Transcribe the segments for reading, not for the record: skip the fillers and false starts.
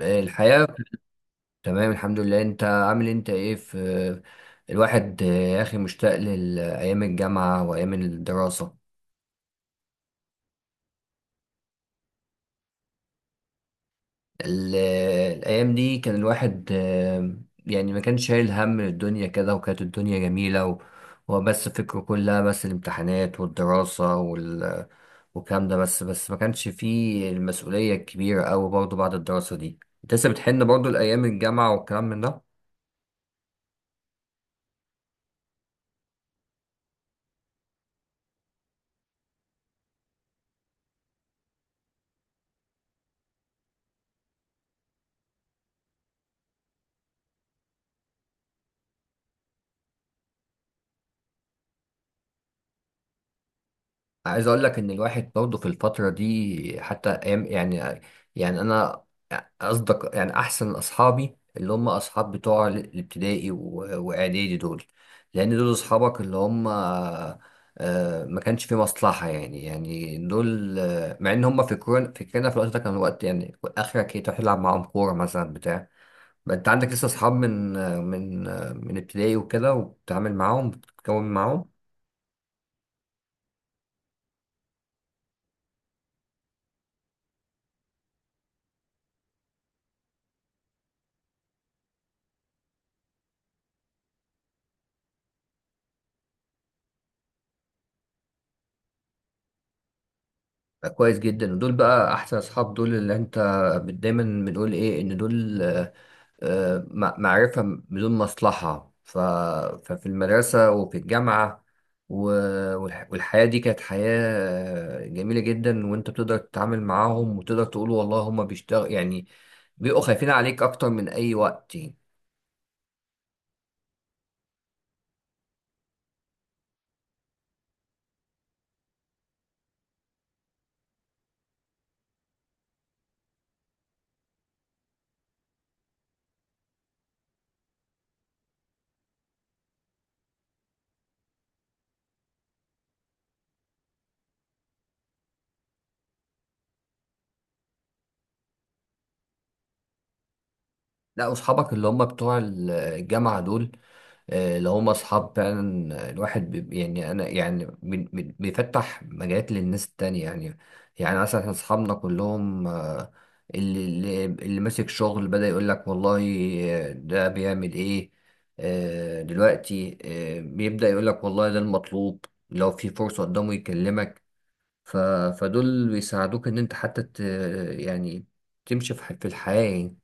الحياة. تمام الحمد لله، انت عامل إيه؟ انت ايه في؟ الواحد يا اخي مشتاق لأيام الجامعة وأيام الدراسة. ال- الأيام دي كان الواحد يعني ما كانش شايل هم الدنيا كده، وكانت الدنيا جميلة وبس فكره كلها بس الامتحانات والدراسة والكلام ده. بس ما كانش فيه المسؤولية الكبيرة أوي برضه بعد الدراسة دي. انت لسه بتحن برضه لأيام الجامعة والكلام من ده؟ عايز اقول لك ان الواحد برضه في الفتره دي حتى ايام يعني. يعني اصدق يعني احسن اصحابي اللي هم اصحاب بتوع الابتدائي واعدادي دول، لان دول اصحابك اللي هم ما كانش في مصلحه. يعني يعني دول مع ان هم فكرنا في الوقت ده، كان وقت يعني اخرك ايه تروح تلعب معاهم كوره مثلا بتاع. ما انت عندك لسه اصحاب من من ابتدائي وكده، وبتتعامل معاهم بتتكون معاهم. كويس جدا، ودول بقى احسن اصحاب، دول اللي انت دايما بنقول ايه ان دول معرفة بدون مصلحة ففي المدرسة وفي الجامعة و... والحياة دي كانت حياة جميلة جدا. وانت بتقدر تتعامل معاهم وتقدر تقول والله هما بيشتغل يعني، بيبقوا خايفين عليك اكتر من اي وقت يعني. لا، اصحابك اللي هما بتوع الجامعة دول لو هم اصحاب فعلا الواحد بي يعني انا يعني من بيفتح مجالات للناس التانية يعني. يعني مثلا احنا اصحابنا كلهم اللي ماسك شغل، بدأ يقول لك والله ده بيعمل ايه دلوقتي، بيبدأ يقول لك والله ده المطلوب، لو في فرصة قدامه يكلمك. ف فدول بيساعدوك ان انت حتى يعني تمشي في في الحياة يعني.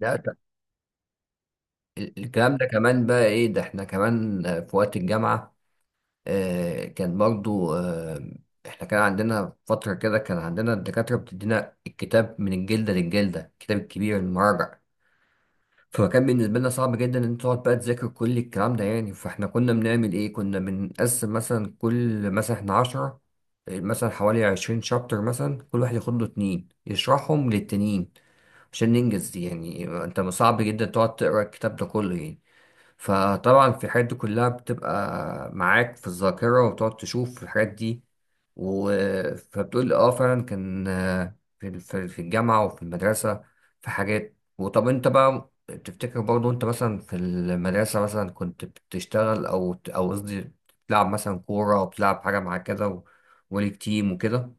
لا ت- الكلام ده كمان بقى ايه؟ ده احنا كمان في وقت الجامعة كان برضو احنا كان عندنا فترة كده، كان عندنا الدكاترة بتدينا الكتاب من الجلدة للجلدة، الكتاب الكبير المراجع. فكان بالنسبة لنا صعب جدا ان انت تقعد بقى تذاكر كل الكلام ده يعني. فاحنا كنا بنعمل ايه، كنا بنقسم مثلا كل مثلا احنا 10، مثلا حوالي 20 شابتر، مثلا كل واحد ياخد له 2 يشرحهم للتانيين عشان ننجز. يعني انت صعب جدا تقعد تقرا الكتاب ده كله يعني. فطبعا في الحاجات دي كلها بتبقى معاك في الذاكرة، وبتقعد تشوف الحاجات دي و... فبتقول اه فعلا كان في الجامعة وفي المدرسة في حاجات. وطب انت بقى تفتكر برضه، انت مثلا في المدرسة مثلا كنت بتشتغل او قصدي بتلعب مثلا كورة او بتلعب حاجة مع كده وليك تيم وكده؟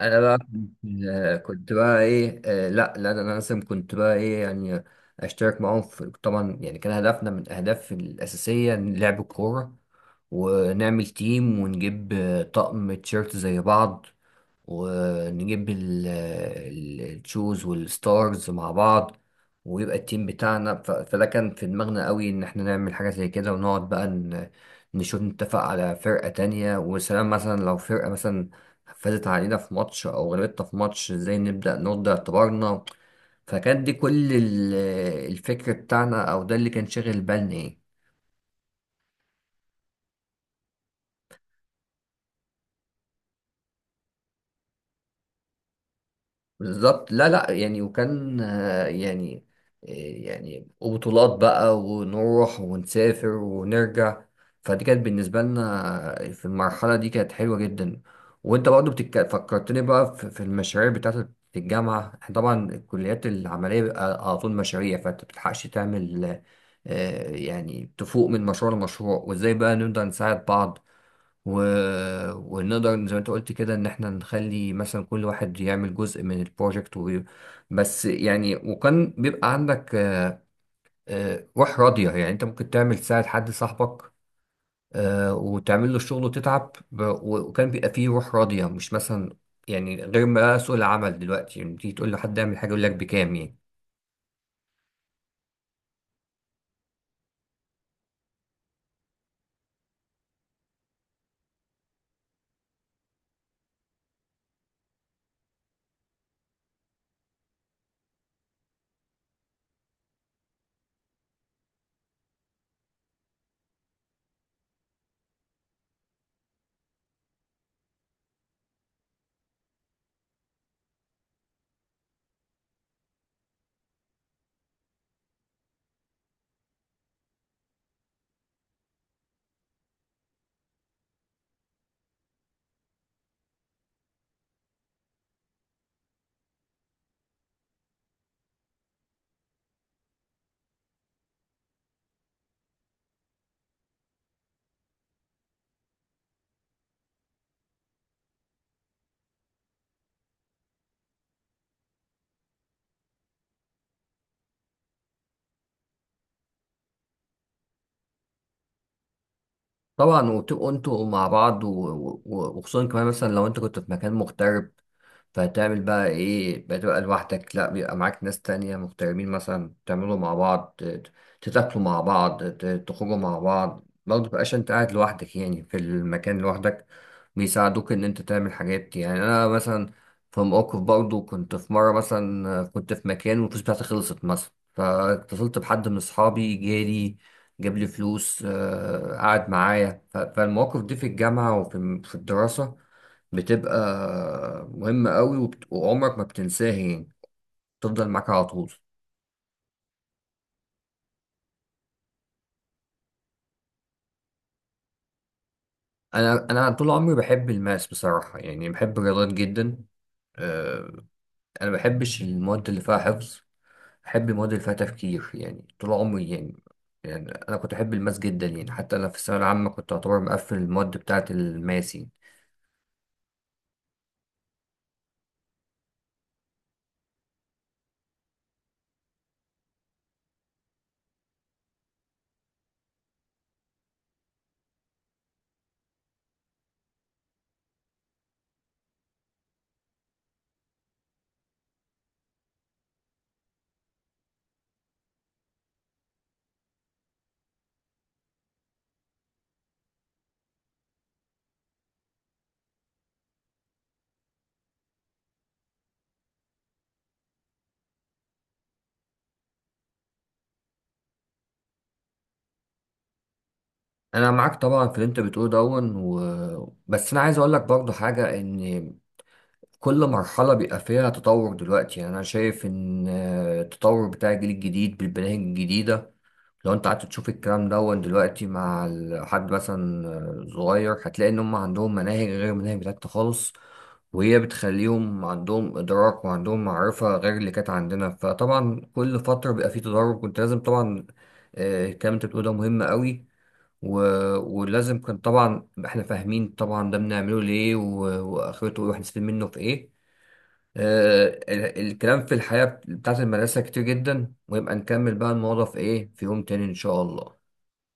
انا بقى كنت كنت بقى ايه لا انا لازم كنت بقى ايه يعني اشترك معاهم في. طبعا يعني كان هدفنا من الاهداف الاساسيه إن لعب الكوره ونعمل تيم ونجيب طقم تيشيرت زي بعض، ونجيب التشوز والستارز مع بعض، ويبقى التيم بتاعنا. فده كان في دماغنا قوي، ان احنا نعمل حاجة زي كده، ونقعد بقى نشوف نتفق على فرقة تانية وسلام. مثلا لو فرقة مثلا فازت علينا في ماتش او غلبتنا في ماتش، ازاي نبدأ نرد اعتبارنا. فكانت دي كل الفكر بتاعنا، او ده اللي كان شاغل بالنا يعني. بالظبط. لا لا يعني، وكان يعني وبطولات بقى، ونروح ونسافر ونرجع. فدي كانت بالنسبة لنا في المرحلة دي كانت حلوة جدا. وانت برضه فكرتني بقى في المشاريع بتاعت الجامعة. احنا طبعا الكليات العملية بيبقى على طول مشاريع، فانت مبتلحقش تعمل يعني تفوق من مشروع لمشروع، وازاي بقى نقدر نساعد بعض و... ونقدر زي ما انت قلت كده ان احنا نخلي مثلا كل واحد يعمل جزء من البروجكت بس يعني. وكان بيبقى عندك روح راضية، يعني انت ممكن تعمل تساعد حد صاحبك وتعمل له الشغل وتتعب وكان بيبقى فيه روح راضية، مش مثلا يعني غير ما سوق العمل دلوقتي، يعني تيجي تقول له حد اعمل حاجة يقول لك بكام يعني. طبعا، وتبقوا انتوا مع بعض وخصوصا كمان مثلا لو انت كنت في مكان مغترب، فهتعمل بقى ايه؟ بتبقى لوحدك؟ لا، بيبقى معاك ناس تانية مغتربين، مثلا تعملوا مع بعض، تتاكلوا مع بعض، تخرجوا مع بعض برضه، متبقاش انت قاعد لوحدك يعني في المكان لوحدك. بيساعدوك ان انت تعمل حاجات. يعني انا مثلا في موقف برضه، كنت في مرة مثلا كنت في مكان والفلوس بتاعتي خلصت مثلا، فاتصلت بحد من اصحابي، جالي جاب لي فلوس قعد معايا. فالمواقف دي في الجامعة وفي في الدراسة بتبقى مهمة قوي، وعمرك ما بتنساها يعني، تفضل معاك على طول. أنا طول عمري بحب الماس بصراحة، يعني بحب الرياضات جدا. آه، أنا ما بحبش المواد اللي فيها حفظ، بحب المواد اللي فيها تفكير، يعني طول عمري يعني. يعني أنا كنت أحب الماس جدا، يعني حتى أنا في الثانوية العامة كنت أعتبر مقفل المواد بتاعة الماس يعني. انا معاك طبعا في اللي انت بتقوله دون بس انا عايز اقول لك برضو حاجه، ان كل مرحله بيبقى فيها تطور. دلوقتي يعني انا شايف ان التطور بتاع الجيل الجديد بالمناهج الجديده، لو انت قعدت تشوف الكلام دون دلوقتي مع حد مثلا صغير، هتلاقي ان هم عندهم مناهج غير المناهج بتاعتنا خالص، وهي بتخليهم عندهم ادراك وعندهم معرفه غير اللي كانت عندنا. فطبعا كل فتره بيبقى فيه تدرج، وانت لازم طبعا الكلام اللي انت بتقوله ده مهم قوي و... ولازم كان طبعا احنا فاهمين طبعا ده بنعمله ليه واخرته ايه، وهنستفيد منه في ايه. الكلام في الحياة بتاعت المدرسة كتير جدا، ويبقى نكمل بقى الموضوع في ايه في يوم تاني ان شاء الله.